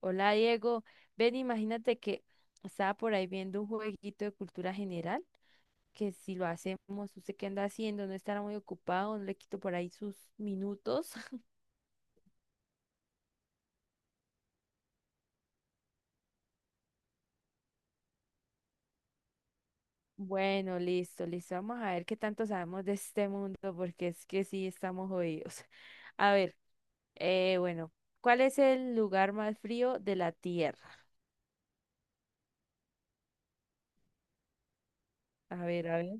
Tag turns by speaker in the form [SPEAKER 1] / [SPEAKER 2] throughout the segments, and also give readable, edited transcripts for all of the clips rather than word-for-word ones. [SPEAKER 1] Hola Diego, ven, imagínate que estaba por ahí viendo un jueguito de cultura general, que si lo hacemos, usted qué anda haciendo, no estará muy ocupado, no le quito por ahí sus minutos. Bueno, listo, listo, vamos a ver qué tanto sabemos de este mundo, porque es que sí estamos jodidos. A ver, bueno, ¿cuál es el lugar más frío de la Tierra? A ver, a ver.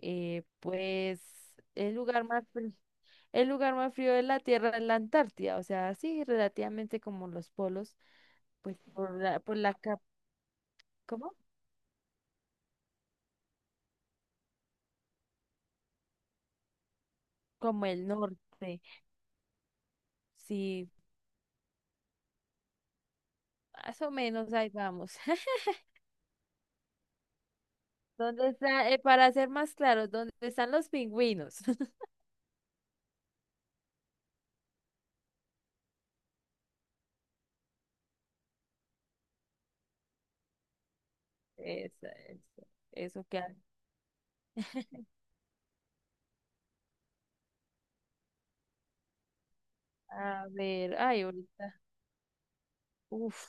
[SPEAKER 1] Pues el lugar más frío de la Tierra es la Antártida, o sea, sí, relativamente como los polos, pues ¿cómo? Como el norte, sí, más o menos ahí vamos. ¿Dónde está, para ser más claros, dónde están los pingüinos? Eso, eso, eso que, hay. A ver, ay, ahorita, uf.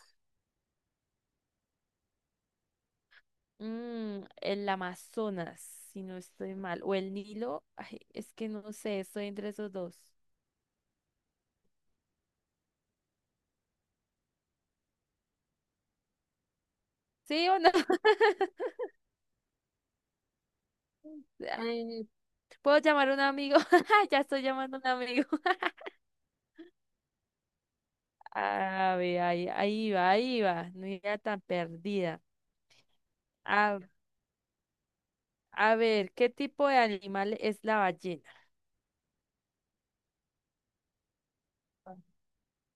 [SPEAKER 1] Mm, el Amazonas, si no estoy mal, o el Nilo, ay, es que no sé, estoy entre esos dos. ¿Sí o no? Ay, ¿puedo llamar a un amigo? Ya estoy llamando a un amigo. A ver, ahí, ahí va, ahí va. No era tan perdida. A, a ver, ¿qué tipo de animal es la ballena?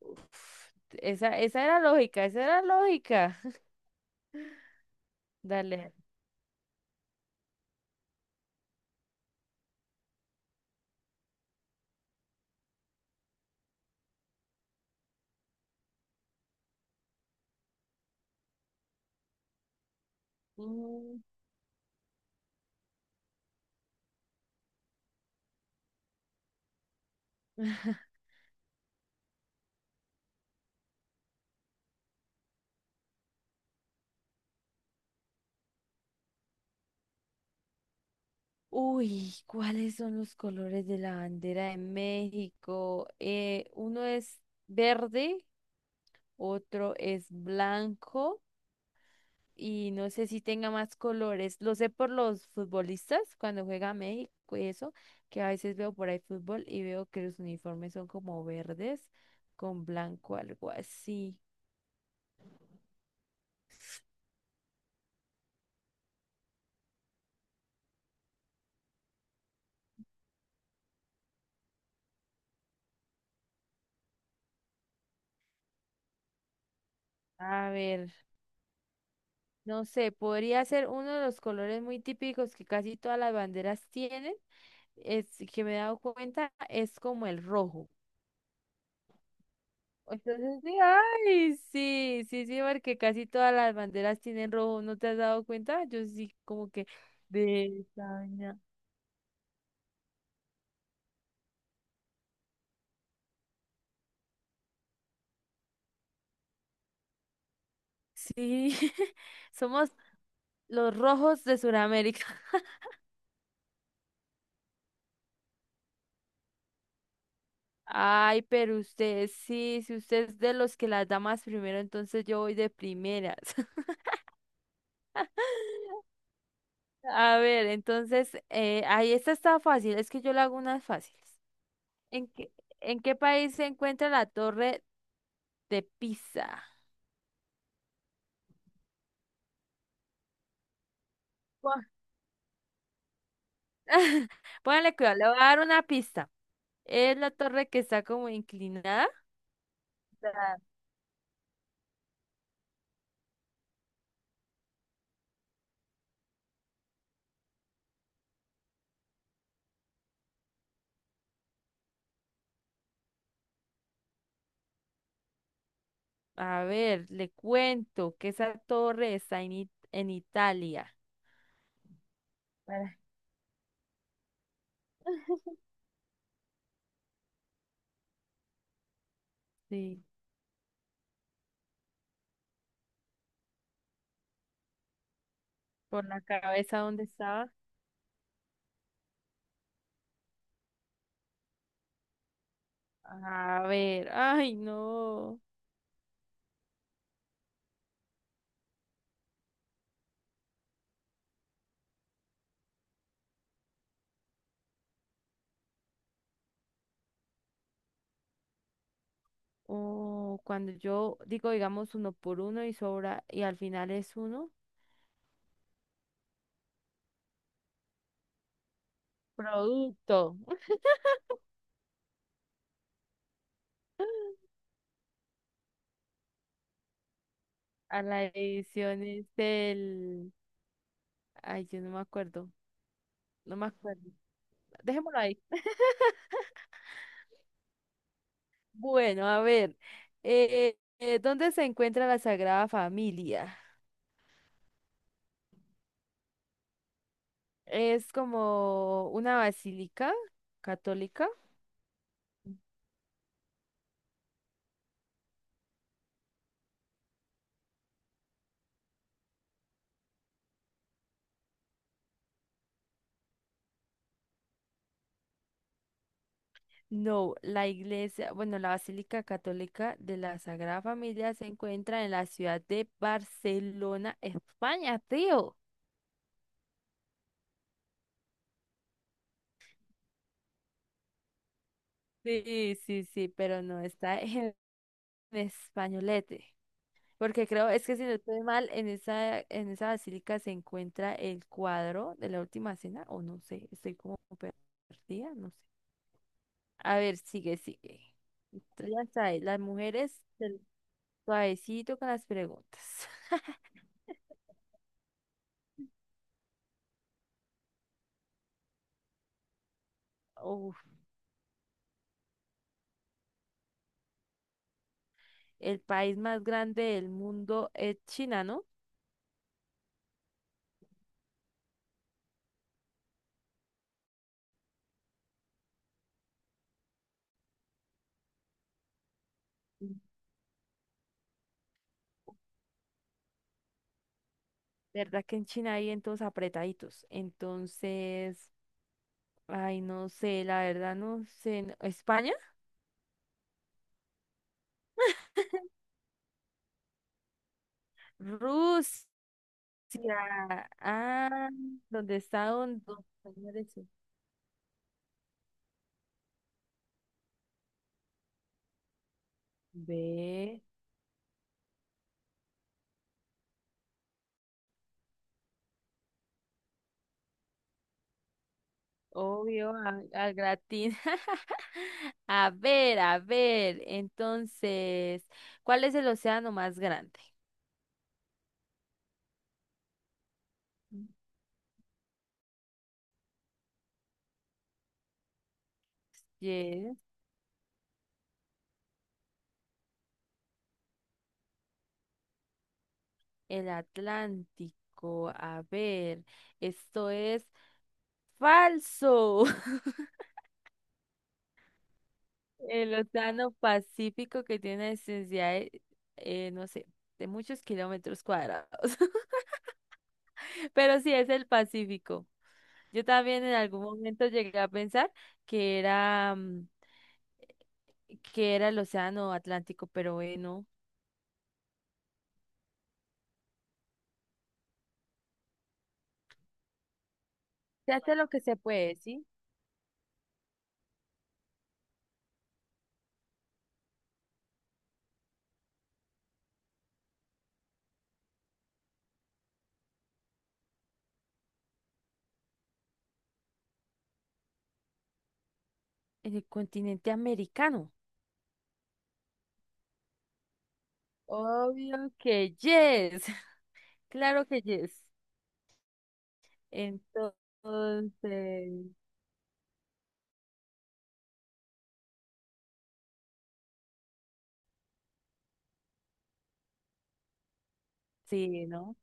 [SPEAKER 1] Uf, esa era lógica, esa era lógica. Dale. Mm. Uy, ¿cuáles son los colores de la bandera de México? Uno es verde, otro es blanco, y no sé si tenga más colores. Lo sé por los futbolistas cuando juega México y eso, que a veces veo por ahí fútbol y veo que los uniformes son como verdes con blanco, algo así. A ver, no sé, podría ser uno de los colores muy típicos que casi todas las banderas tienen. Es que me he dado cuenta, es como el rojo. Entonces, sí, ay, sí, sí, sí, porque casi todas las banderas tienen rojo, ¿no te has dado cuenta? Yo sí, como que de esta vaina. Sí, somos los rojos de Sudamérica. Ay, pero usted, sí, si usted es de los que las da más primero, entonces yo voy de primeras. A ver, entonces, ahí esta está fácil, es que yo le hago unas fáciles. ¿En qué, ¿en qué país se encuentra la Torre de Pisa? Póngale cuidado, le voy a dar una pista. Es la torre que está como inclinada. A ver, le cuento que esa torre está en, en Italia. Para- Sí, por la cabeza donde estaba. A ver, ay, no. Oh, cuando yo digo, digamos, uno por uno y sobra, y al final es uno, producto. A la edición es del... Ay, yo no me acuerdo, no me acuerdo. Dejémoslo ahí. Bueno, a ver, ¿dónde se encuentra la Sagrada Familia? Es como una basílica católica. No, la iglesia, bueno, la Basílica Católica de la Sagrada Familia se encuentra en la ciudad de Barcelona, España, tío. Sí, sí, sí, pero no está en españolete. Porque creo, es que si no estoy mal, en esa basílica se encuentra el cuadro de la última cena, o no sé, estoy como perdida, no sé. A ver, sigue, sigue. Entonces, ya sabes, las mujeres, el suavecito con las preguntas. Uf, el país más grande del mundo es China, ¿no? Mm. ¿Verdad que en China hay todos apretaditos? Entonces, ay, no sé, la verdad no sé. ¿No? ¿España? Rusia. Ya ah, donde está un dos señores. Ve, obvio, al gratín. A ver, a ver. Entonces, ¿cuál es el océano más grande? Yes, el Atlántico. A ver, esto es falso. El océano Pacífico que tiene una extensidad de, no sé, de muchos kilómetros cuadrados. Pero sí es el Pacífico. Yo también en algún momento llegué a pensar que era, mm, que era el océano Atlántico, pero bueno, se hace lo que se puede, ¿sí? En el continente americano. Obvio que yes, claro que yes. Entonces, sí, ¿no?